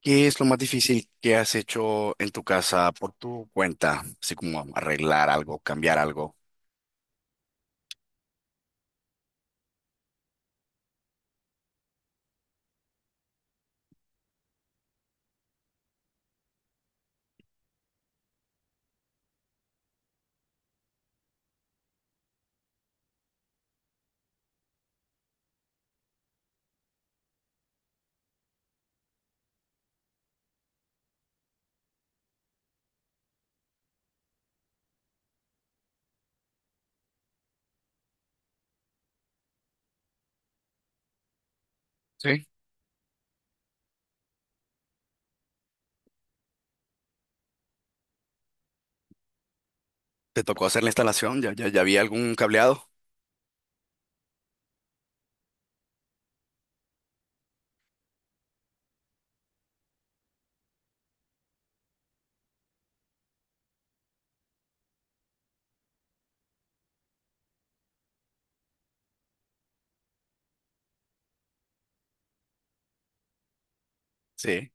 ¿Qué es lo más difícil que has hecho en tu casa por tu cuenta? Así como arreglar algo, cambiar algo. Sí. ¿Te tocó hacer la instalación? ¿Ya había algún cableado? Sí.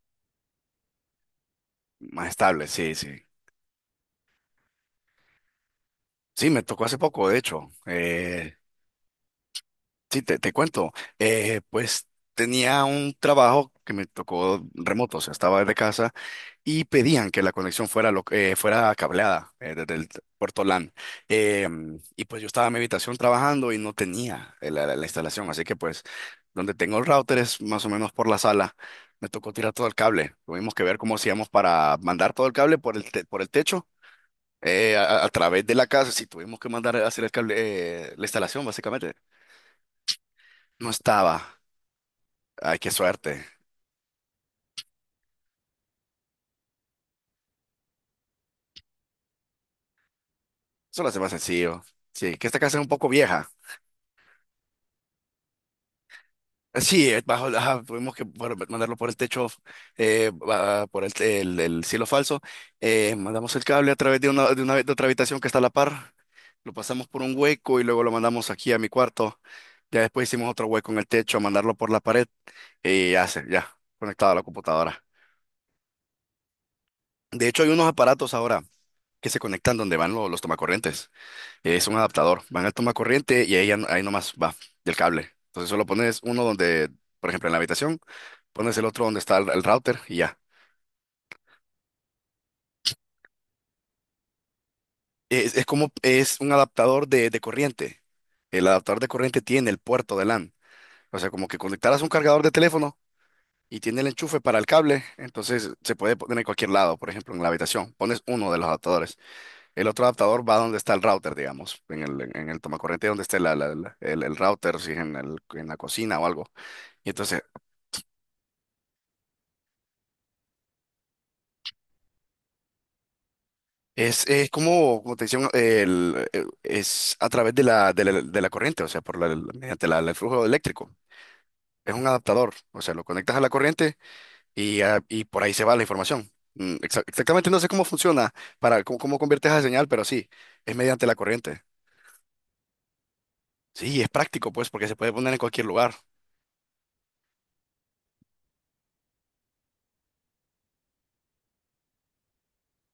Más estable, sí, sí. Sí, me tocó hace poco, de hecho. Te cuento. Pues tenía un trabajo que me tocó remoto, o sea, estaba desde casa y pedían que la conexión fuera, fuera cableada desde el puerto LAN. Eh, y pues yo estaba en mi habitación trabajando y no tenía la instalación, así que pues donde tengo el router es más o menos por la sala. Me tocó tirar todo el cable. Tuvimos que ver cómo hacíamos para mandar todo el cable por por el techo. A través de la casa, sí, tuvimos que mandar a hacer el cable, la instalación, básicamente. No estaba. Ay, qué suerte. Eso lo hace más sencillo. Sí, que esta casa es un poco vieja. Sí, ajá, tuvimos que mandarlo por el techo, por el cielo falso. Mandamos el cable a través de otra habitación que está a la par. Lo pasamos por un hueco y luego lo mandamos aquí a mi cuarto. Ya después hicimos otro hueco en el techo, mandarlo por la pared y ya, conectado a la computadora. De hecho, hay unos aparatos ahora que se conectan donde van los tomacorrientes. Es un adaptador, va en el toma corriente y ahí, ahí nomás va del cable. Entonces solo pones uno donde, por ejemplo, en la habitación, pones el otro donde está el router y ya. Es un adaptador de corriente. El adaptador de corriente tiene el puerto de LAN. O sea, como que conectaras un cargador de teléfono y tiene el enchufe para el cable, entonces se puede poner en cualquier lado, por ejemplo, en la habitación. Pones uno de los adaptadores. El otro adaptador va donde está el router, digamos, en en el tomacorriente donde esté el router, si es en, en la cocina o algo. Y entonces como te decía, es a través de de la corriente, o sea, por mediante el flujo eléctrico. Es un adaptador, o sea, lo conectas a la corriente y, ah, y por ahí se va la información. Exactamente, no sé cómo funciona, para cómo, cómo conviertes esa señal, pero sí, es mediante la corriente. Sí, es práctico, pues, porque se puede poner en cualquier lugar.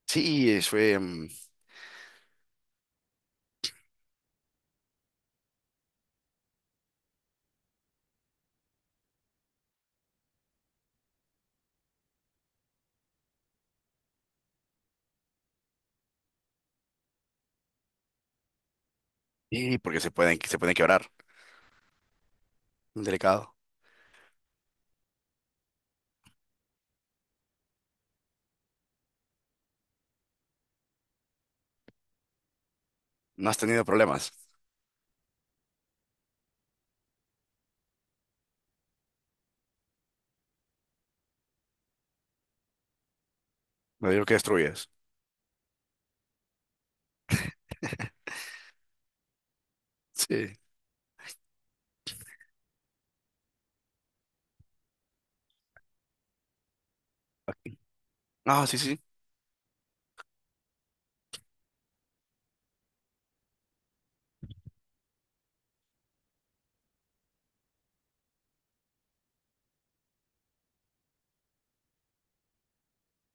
Sí, sí, porque se pueden quebrar. Un Delicado. No has tenido problemas. No digo que destruyes. Sí. Ah, sí, sí.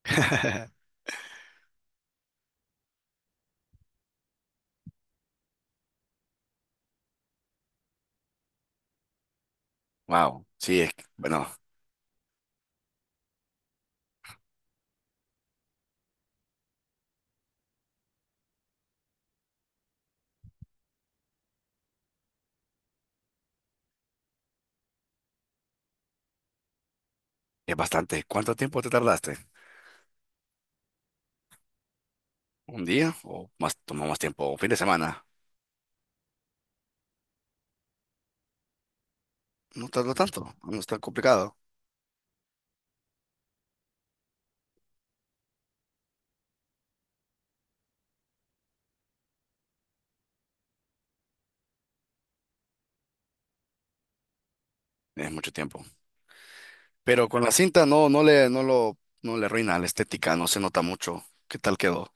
Wow, sí, bueno, es bastante. ¿Cuánto tiempo te tardaste? ¿Un día o más, tomó más tiempo? ¿Un fin de semana? No tardó tanto, no es tan complicado. Es mucho tiempo. Pero con la cinta no, no le, no lo, no le arruina la estética, no se nota mucho. ¿Qué tal quedó?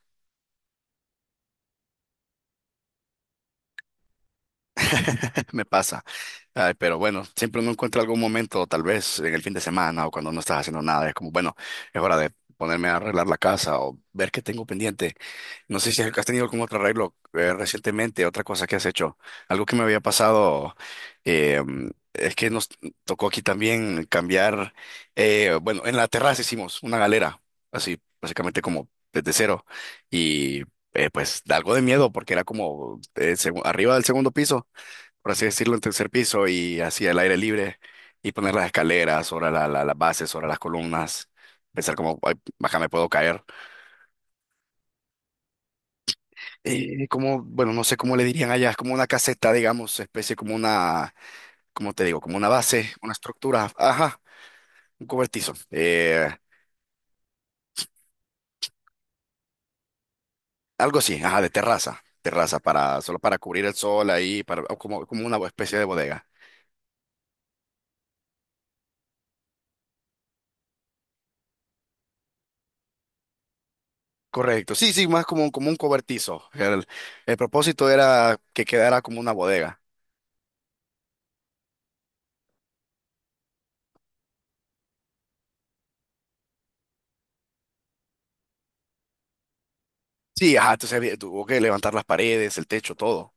Me pasa. Ay, pero bueno, siempre uno encuentra algún momento, tal vez en el fin de semana o cuando no estás haciendo nada, es como, bueno, es hora de ponerme a arreglar la casa o ver qué tengo pendiente. No sé si has tenido algún otro arreglo recientemente, otra cosa que has hecho. Algo que me había pasado eh, es que nos tocó aquí también cambiar, bueno, en la terraza hicimos una galera, así básicamente como desde cero. Y pues da algo de miedo porque era como arriba del segundo piso, por así decirlo, en tercer piso y así el aire libre y poner las escaleras sobre las bases, sobre las columnas, pensar como, "Ay, baja, me puedo caer. Como, bueno, no sé cómo le dirían allá, es como una caseta, digamos, especie como una, ¿cómo te digo? Como una base, una estructura, ajá, un cobertizo, algo así, ajá, de terraza, terraza para, solo para cubrir el sol ahí, para, o como, como una especie de bodega. Correcto, sí, sí, más como, como un cobertizo. El propósito era que quedara como una bodega. Sí, ajá, tuvo que levantar las paredes, el techo, todo.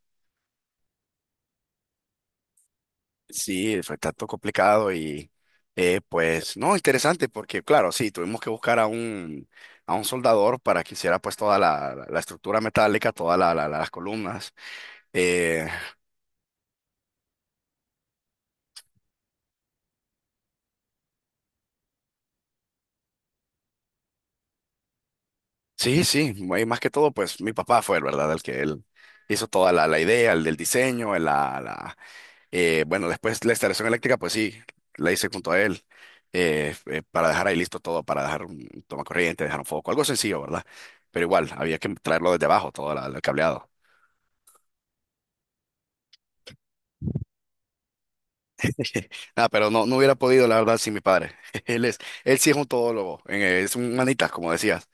Sí, fue tanto complicado y pues no, interesante porque claro, sí, tuvimos que buscar a a un soldador para que hiciera pues toda la estructura metálica, todas las columnas. Eh, sí, sí, y más que todo pues mi papá fue, el ¿verdad? El que él hizo toda la idea, el del diseño, bueno, después la instalación eléctrica, pues sí, la hice junto a él, para dejar ahí listo todo, para dejar un tomacorriente, dejar un foco, algo sencillo, ¿verdad? Pero igual, había que traerlo desde abajo, el cableado. Ah, pero no, no hubiera podido, la verdad, sin mi padre. Él es, él sí es un todólogo, es un manitas, como decías.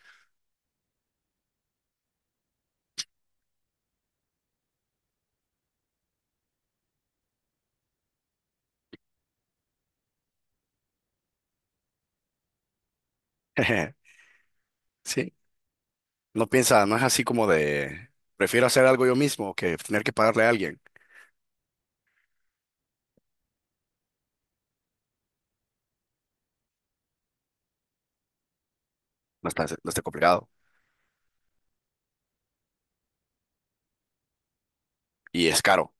Sí, no piensa, no es así como de, prefiero hacer algo yo mismo que tener que pagarle a alguien. No está, no está complicado. Y es caro.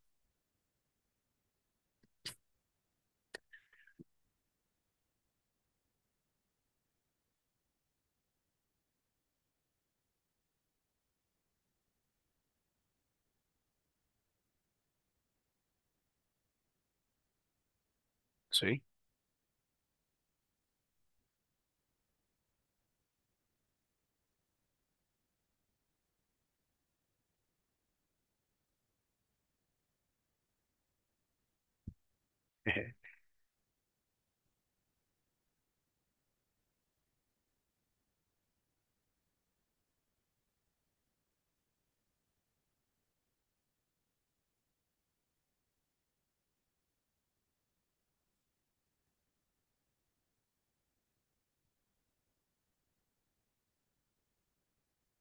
Sí.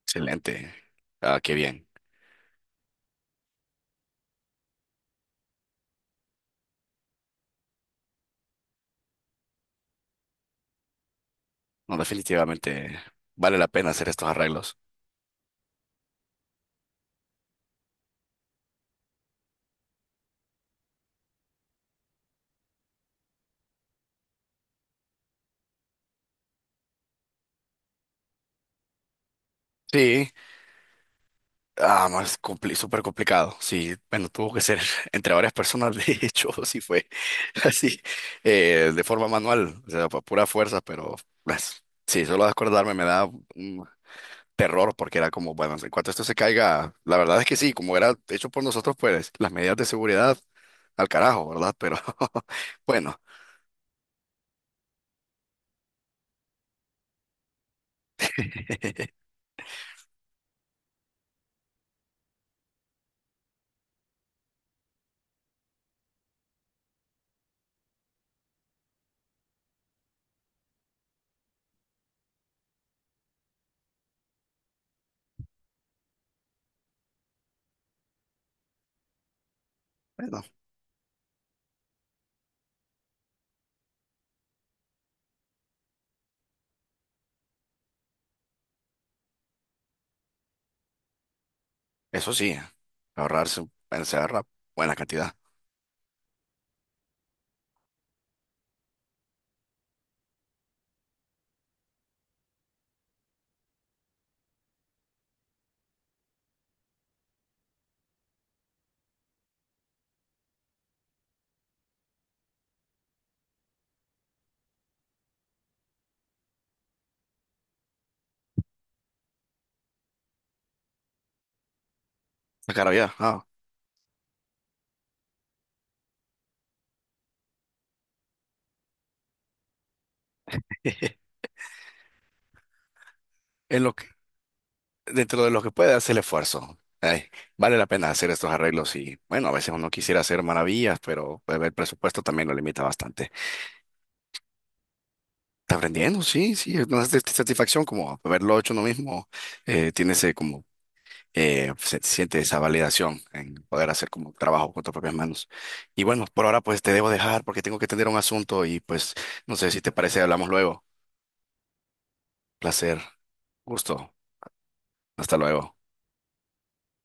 Excelente. Ah, qué bien. No, definitivamente vale la pena hacer estos arreglos. Sí, ah, súper complicado. Sí, bueno, tuvo que ser entre varias personas, de hecho, sí fue así, de forma manual, o sea, por pura fuerza, pero pues, sí, solo de acordarme me da un terror porque era como, bueno, en cuanto esto se caiga, la verdad es que sí, como era hecho por nosotros, pues las medidas de seguridad al carajo, ¿verdad? Pero bueno, bueno, eso sí, ahorrarse, un- se ahorra buena cantidad. La carabina, ah. En lo que, dentro de lo que puede hacer el esfuerzo. Ay, vale la pena hacer estos arreglos y bueno, a veces uno quisiera hacer maravillas, pero pues, el presupuesto también lo limita bastante. Está aprendiendo, sí, sí, es una satisfacción como haberlo hecho uno mismo, tiene ese como, se siente esa validación en poder hacer como trabajo con tus propias manos. Y bueno, por ahora pues te debo dejar porque tengo que atender un asunto y pues no sé si te parece, hablamos luego. Placer, gusto, hasta luego.